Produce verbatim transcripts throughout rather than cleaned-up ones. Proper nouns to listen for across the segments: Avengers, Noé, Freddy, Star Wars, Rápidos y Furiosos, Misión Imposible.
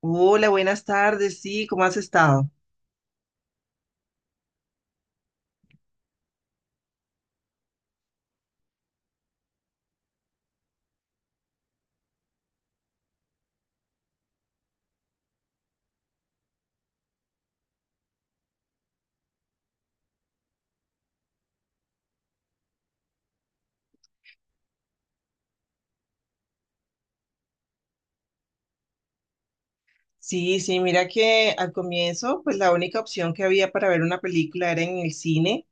Hola, buenas tardes. Sí, ¿cómo has estado? Sí, sí, mira que al comienzo, pues la única opción que había para ver una película era en el cine.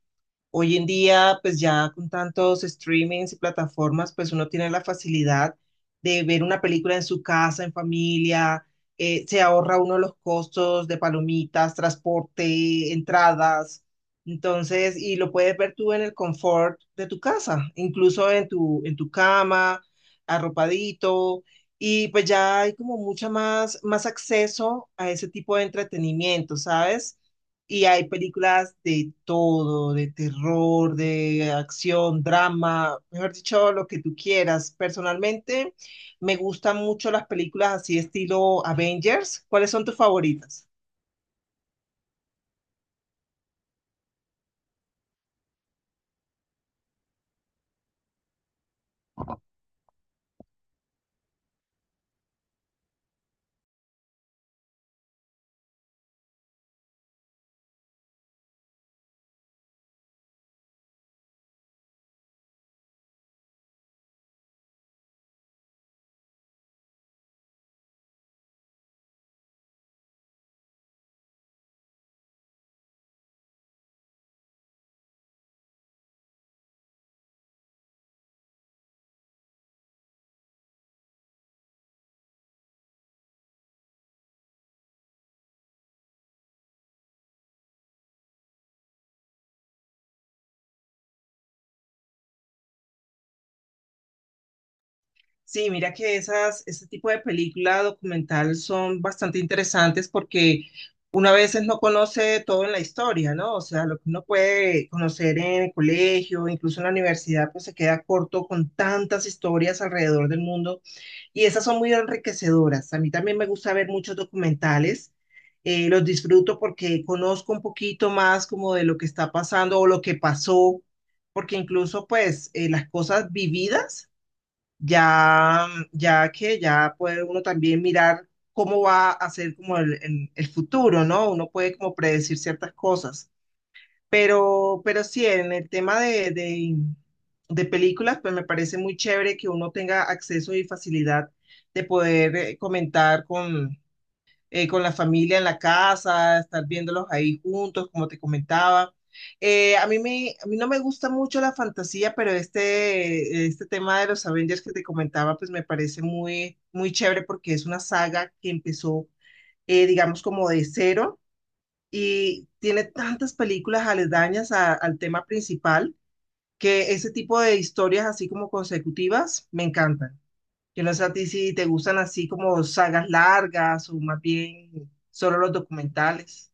Hoy en día, pues ya con tantos streamings y plataformas, pues uno tiene la facilidad de ver una película en su casa, en familia, eh, se ahorra uno los costos de palomitas, transporte, entradas. Entonces, y lo puedes ver tú en el confort de tu casa, incluso en tu, en tu cama, arropadito. Y pues ya hay como mucha más, más acceso a ese tipo de entretenimiento, ¿sabes? Y hay películas de todo, de terror, de acción, drama, mejor dicho, lo que tú quieras. Personalmente, me gustan mucho las películas así estilo Avengers. ¿Cuáles son tus favoritas? Sí, mira que esas, ese tipo de película documental son bastante interesantes porque uno a veces no conoce todo en la historia, ¿no? O sea, lo que uno puede conocer en el colegio, incluso en la universidad, pues se queda corto con tantas historias alrededor del mundo y esas son muy enriquecedoras. A mí también me gusta ver muchos documentales, eh, los disfruto porque conozco un poquito más como de lo que está pasando o lo que pasó, porque incluso pues eh, las cosas vividas ya, ya que ya puede uno también mirar cómo va a ser como el, el- el futuro, ¿no? Uno puede como predecir ciertas cosas. Pero, pero sí, en el tema de, de, de películas, pues me parece muy chévere que uno tenga acceso y facilidad de poder eh, comentar eh, con la familia en la casa, estar viéndolos ahí juntos, como te comentaba. Eh, a mí me, a mí no me gusta mucho la fantasía, pero este, este tema de los Avengers que te comentaba, pues me parece muy, muy chévere porque es una saga que empezó, eh, digamos, como de cero y tiene tantas películas aledañas a- al tema principal, que ese tipo de historias así como consecutivas me encantan. Yo no sé a ti si te gustan así como sagas largas o más bien solo los documentales.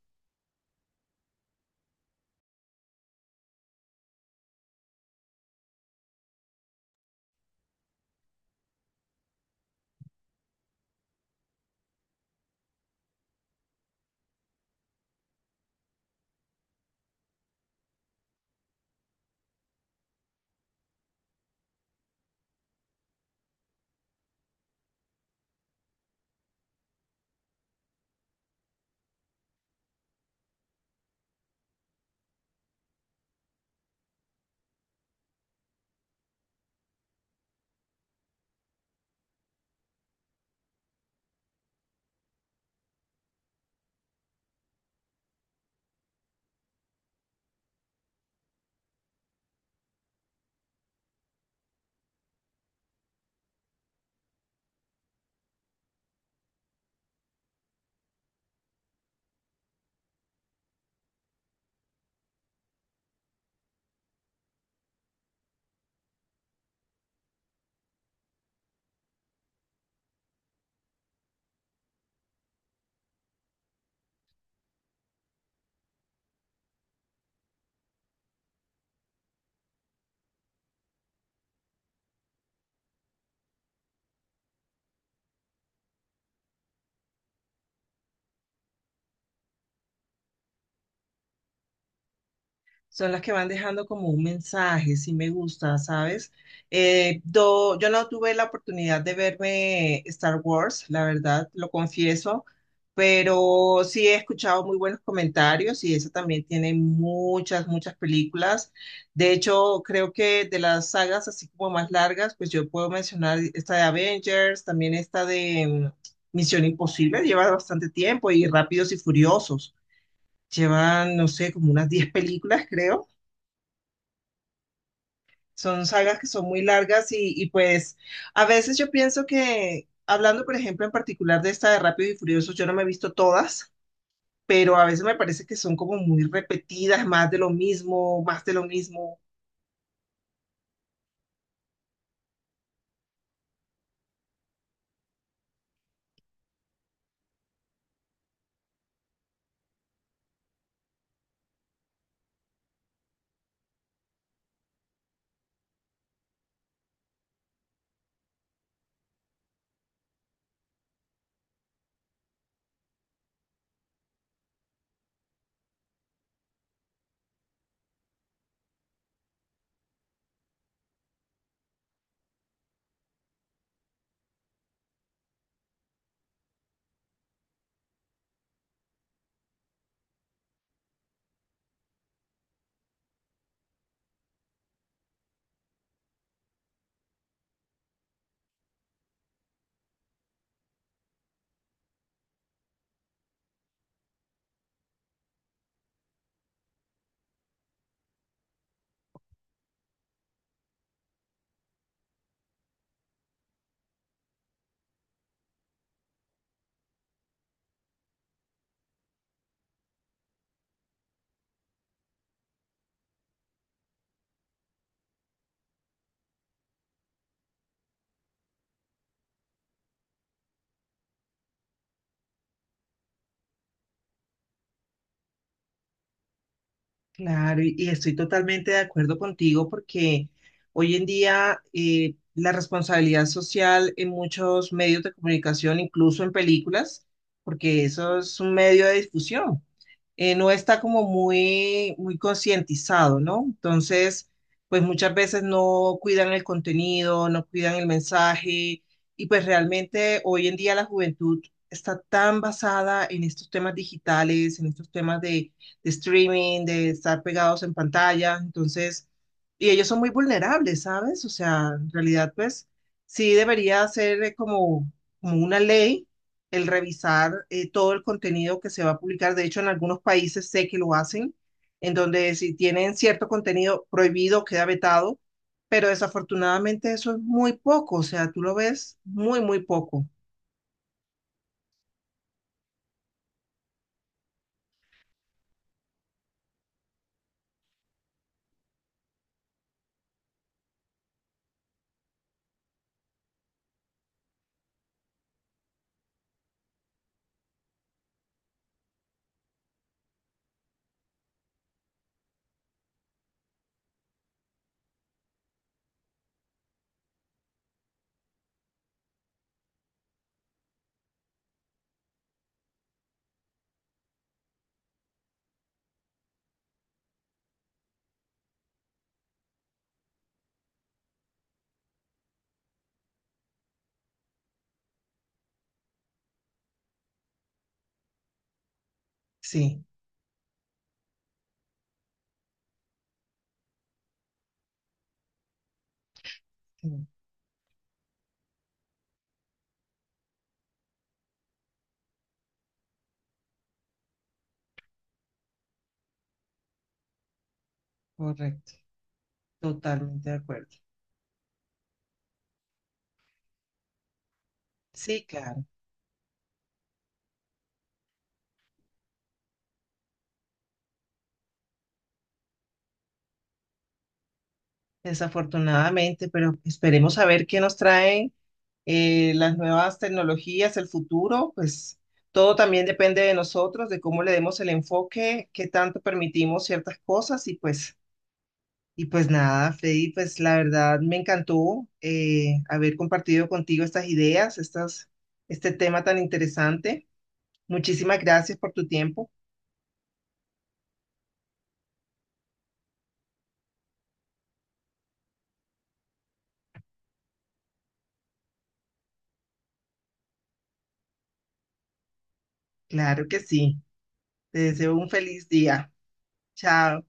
Son las que van dejando como un mensaje, si me gusta, ¿sabes? Eh, do- yo no tuve la oportunidad de verme Star Wars, la verdad, lo confieso, pero sí he escuchado muy buenos comentarios y eso también tiene muchas, muchas películas. De hecho, creo que de las sagas así como más largas, pues yo puedo mencionar esta de Avengers, también esta de mm, Misión Imposible, lleva bastante tiempo y Rápidos y Furiosos. Llevan, no sé, como unas diez películas, creo. Son sagas que son muy largas y, y pues a veces yo pienso que, hablando por ejemplo en particular de esta de Rápidos y Furiosos, yo no me he visto todas, pero a veces me parece que son como muy repetidas, más de lo mismo, más de lo mismo. Claro, y, y estoy totalmente de acuerdo contigo porque hoy en día eh, la responsabilidad social en muchos medios de comunicación, incluso en películas, porque eso es un medio de difusión. Eh, no está como muy, muy concientizado, ¿no? Entonces, pues muchas veces no cuidan el contenido, no cuidan el mensaje y pues realmente hoy en día la juventud está tan basada en estos temas digitales, en estos temas de, de streaming, de estar pegados en pantalla, entonces, y ellos son muy vulnerables, ¿sabes? O sea, en realidad, pues sí debería ser eh, como, como una ley el revisar eh, todo el contenido que se va a publicar. De hecho, en algunos países sé que lo hacen, en donde si tienen cierto contenido prohibido, queda vetado, pero desafortunadamente eso es muy poco, o sea, tú lo ves muy, muy poco. Sí, sí, correcto, totalmente de acuerdo. Sí, claro, desafortunadamente, pero esperemos a ver qué nos traen eh, las nuevas tecnologías, el futuro, pues todo también depende de nosotros, de cómo le demos el enfoque, qué tanto permitimos ciertas cosas y pues, y pues nada, Freddy, pues la verdad me encantó eh, haber compartido contigo estas ideas, estas, este tema tan interesante. Muchísimas gracias por tu tiempo. Claro que sí. Te deseo un feliz día. Chao.